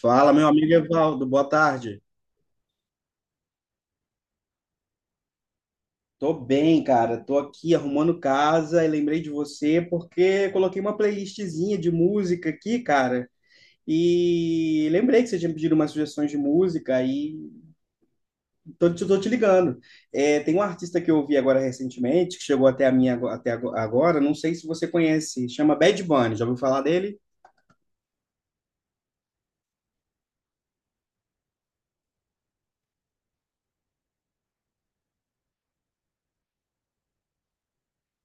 Fala, meu amigo Evaldo, boa tarde. Tô bem, cara. Tô aqui arrumando casa e lembrei de você porque coloquei uma playlistzinha de música aqui, cara. E lembrei que você tinha pedido umas sugestões de música e tô te ligando. É, tem um artista que eu ouvi agora recentemente, que chegou até a minha agora, não sei se você conhece, chama Bad Bunny. Já ouviu falar dele?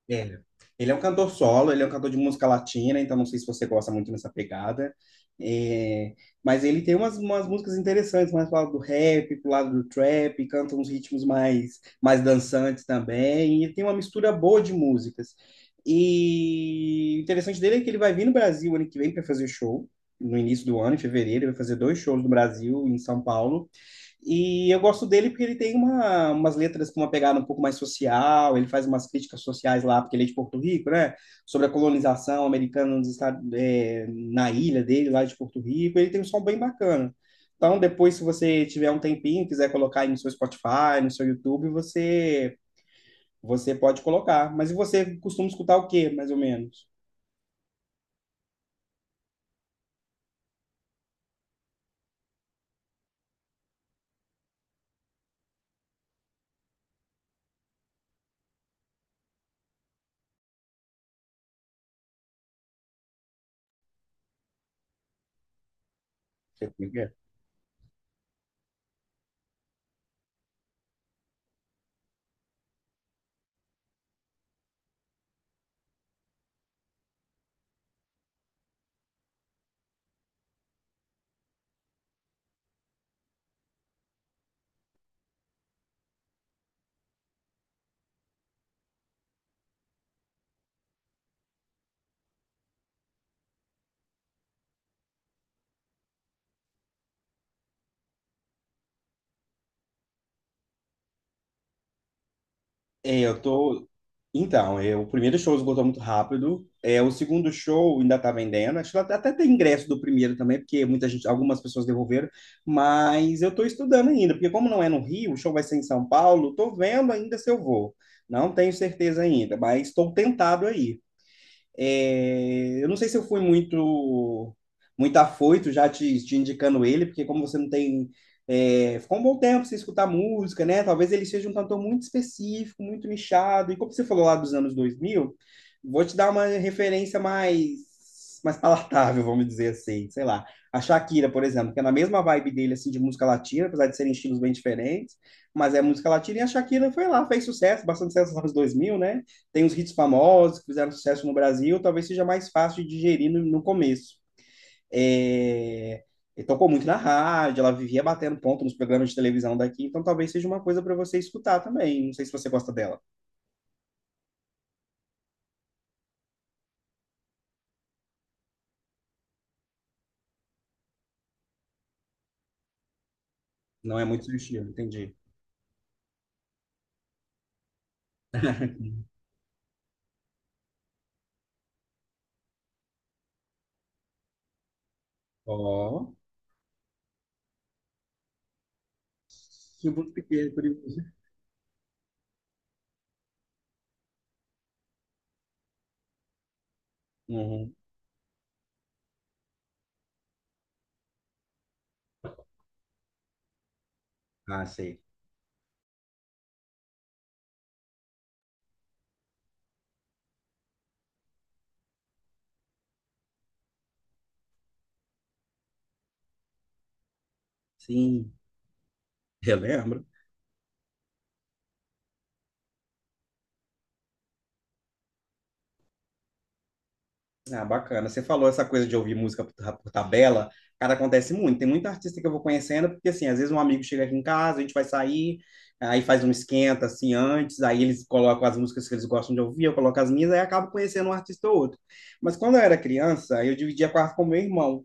É. Ele é um cantor solo, ele é um cantor de música latina, então não sei se você gosta muito dessa pegada. É, mas ele tem umas músicas interessantes, mais pro lado do rap, pro lado do trap, canta uns ritmos mais dançantes também, e tem uma mistura boa de músicas. E o interessante dele é que ele vai vir no Brasil ano que vem para fazer show, no início do ano, em fevereiro, ele vai fazer dois shows no Brasil, em São Paulo. E eu gosto dele porque ele tem uma, umas letras com uma pegada um pouco mais social, ele faz umas críticas sociais lá, porque ele é de Porto Rico, né? Sobre a colonização americana nos Estados, é, na ilha dele, lá de Porto Rico. Ele tem um som bem bacana. Então, depois, se você tiver um tempinho, quiser colocar aí no seu Spotify, no seu YouTube, você pode colocar. Mas e você costuma escutar o quê, mais ou menos? É, eu tô. Então, é, o primeiro show esgotou muito rápido. É, o segundo show ainda tá vendendo. Acho que até tem ingresso do primeiro também, porque muita gente, algumas pessoas devolveram. Mas eu tô estudando ainda, porque como não é no Rio, o show vai ser em São Paulo, tô vendo ainda se eu vou. Não tenho certeza ainda, mas estou tentado aí. É, eu não sei se eu fui muito muito afoito já te indicando ele, porque como você não tem. É, ficou um bom tempo sem escutar música, né? Talvez ele seja um cantor muito específico, muito nichado. E como você falou lá dos anos 2000, vou te dar uma referência mais mais palatável, vamos dizer assim, sei lá. A Shakira, por exemplo, que é na mesma vibe dele, assim, de música latina, apesar de serem estilos bem diferentes, mas é música latina, e a Shakira foi lá, fez sucesso, bastante sucesso nos anos 2000, né? Tem os hits famosos que fizeram sucesso no Brasil, talvez seja mais fácil de digerir no começo. É, ele tocou muito na rádio, ela vivia batendo ponto nos programas de televisão daqui, então talvez seja uma coisa para você escutar também. Não sei se você gosta dela. Não é muito seu estilo, entendi. Ó, oh, muito pequeno, por isso. Uhum. Ah, sei. Sim, eu lembro. Ah, bacana. Você falou essa coisa de ouvir música por tabela, cara, acontece muito. Tem muita artista que eu vou conhecendo, porque assim, às vezes um amigo chega aqui em casa, a gente vai sair, aí faz um esquenta assim antes, aí eles colocam as músicas que eles gostam de ouvir, eu coloco as minhas, aí acabo conhecendo um artista ou outro. Mas quando eu era criança, eu dividia quarto com meu irmão.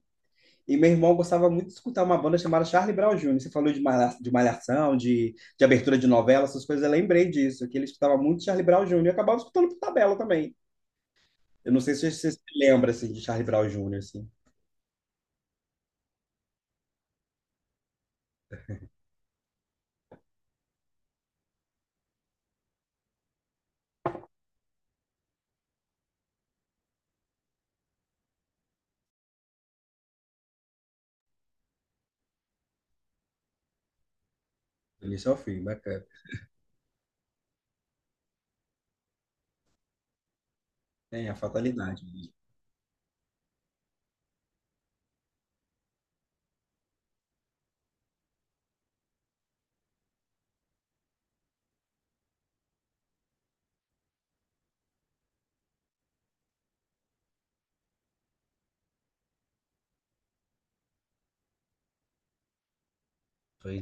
E meu irmão gostava muito de escutar uma banda chamada Charlie Brown Jr. Você falou de de malhação, de abertura de novela, essas coisas, eu lembrei disso, que ele escutava muito Charlie Brown Jr. e eu acabava escutando por tabela também. Eu não sei se você se lembra assim, de Charlie Brown Jr., assim, do início ao fim, bacana. É, a fatalidade mesmo. Foi,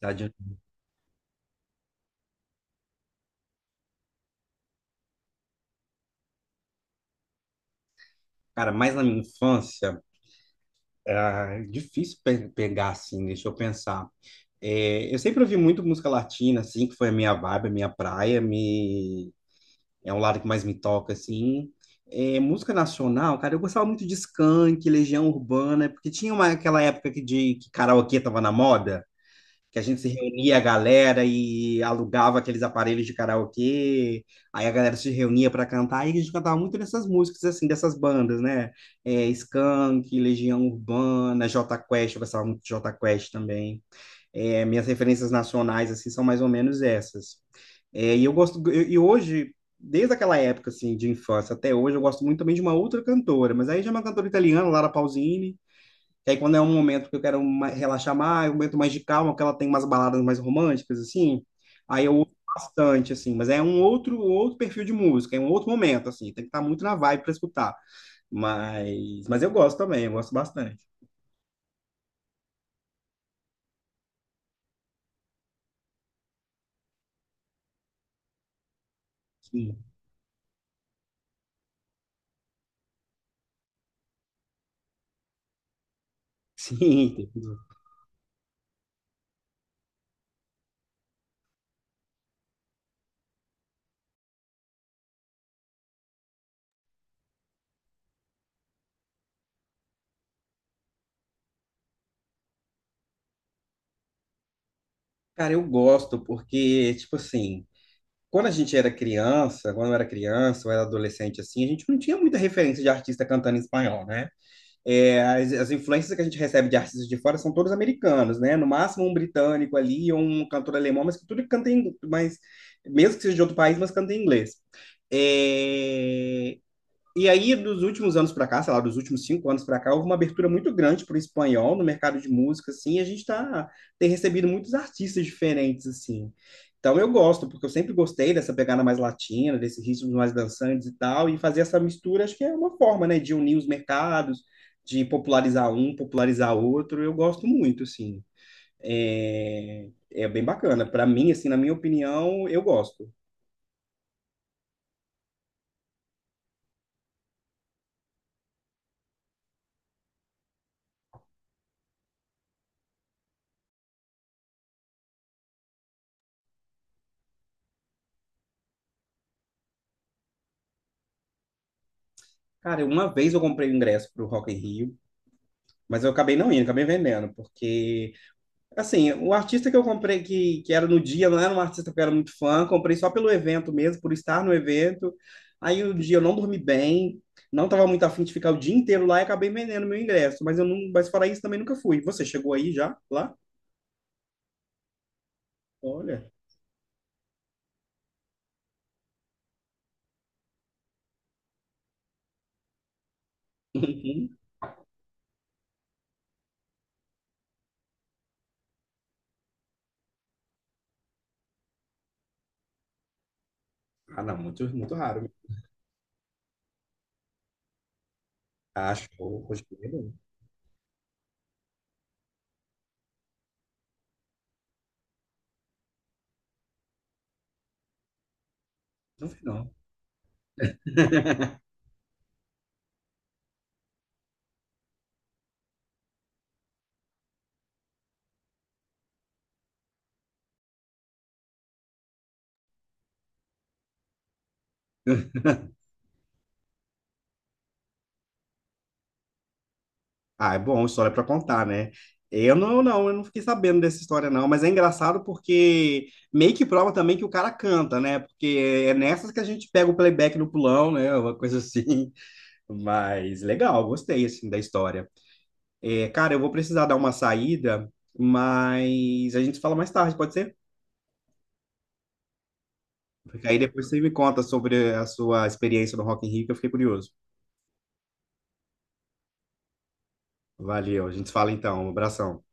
tá, cara, mas na minha infância, era difícil pegar assim, deixa eu pensar. É, eu sempre ouvi muito música latina, assim, que foi a minha vibe, a minha praia, me... é um lado que mais me toca, assim. É, música nacional, cara, eu gostava muito de Skank, Legião Urbana, porque tinha uma, aquela época que, de, que karaokê tava na moda. Que a gente se reunia a galera e alugava aqueles aparelhos de karaokê, aí a galera se reunia para cantar, e a gente cantava muito dessas músicas, assim, dessas bandas, né? É, Skank, Legião Urbana, Jota Quest, eu gostava muito de Jota Quest também. É, minhas referências nacionais, assim, são mais ou menos essas. É, e eu gosto, e hoje, desde aquela época, assim, de infância até hoje, eu gosto muito também de uma outra cantora, mas aí já é uma cantora italiana, Lara Pausini, que aí quando é um momento que eu quero relaxar mais, um momento mais de calma, que ela tem umas baladas mais românticas, assim, aí eu ouço bastante, assim, mas é um outro perfil de música, é um outro momento, assim, tem que estar muito na vibe para escutar. Mas eu gosto também, eu gosto bastante. Sim, sim. Tem tudo. Cara, eu gosto porque, tipo assim, quando a gente era criança, quando eu era criança, ou era adolescente, assim, a gente não tinha muita referência de artista cantando em espanhol, né? É, as influências que a gente recebe de artistas de fora são todos americanos, né? No máximo um britânico ali, ou um cantor alemão, mas que tudo canta em, mas mesmo que seja de outro país, mas canta em inglês. É, e aí, dos últimos anos para cá, sei lá, dos últimos cinco anos para cá, houve uma abertura muito grande para o espanhol no mercado de música, assim, e a gente tá, tem recebido muitos artistas diferentes, assim. Então eu gosto, porque eu sempre gostei dessa pegada mais latina, desses ritmos mais dançantes e tal, e fazer essa mistura acho que é uma forma, né, de unir os mercados, de popularizar um, popularizar outro, eu gosto muito, assim. É, é bem bacana. Para mim, assim, na minha opinião, eu gosto. Cara, uma vez eu comprei o ingresso pro Rock in Rio, mas eu acabei não indo, acabei vendendo, porque, assim, o artista que eu comprei, que era no dia, não era um artista que eu era muito fã, comprei só pelo evento mesmo, por estar no evento. Aí o dia eu não dormi bem, não estava muito afim de ficar o dia inteiro lá e acabei vendendo meu ingresso. Mas eu não, mas fora isso também nunca fui. Você chegou aí já, lá? Olha. Ah, não, muito, muito raro. Acho, hoje não. Não fui, não. Ah, é bom, história para contar, né? Eu não fiquei sabendo dessa história, não, mas é engraçado porque meio que prova também que o cara canta, né? Porque é nessas que a gente pega o playback no pulão, né? Uma coisa assim. Mas legal, gostei assim da história. É, cara, eu vou precisar dar uma saída, mas a gente fala mais tarde, pode ser? Porque aí depois você me conta sobre a sua experiência no Rock in Rio, que eu fiquei curioso. Valeu, a gente se fala então. Um abração.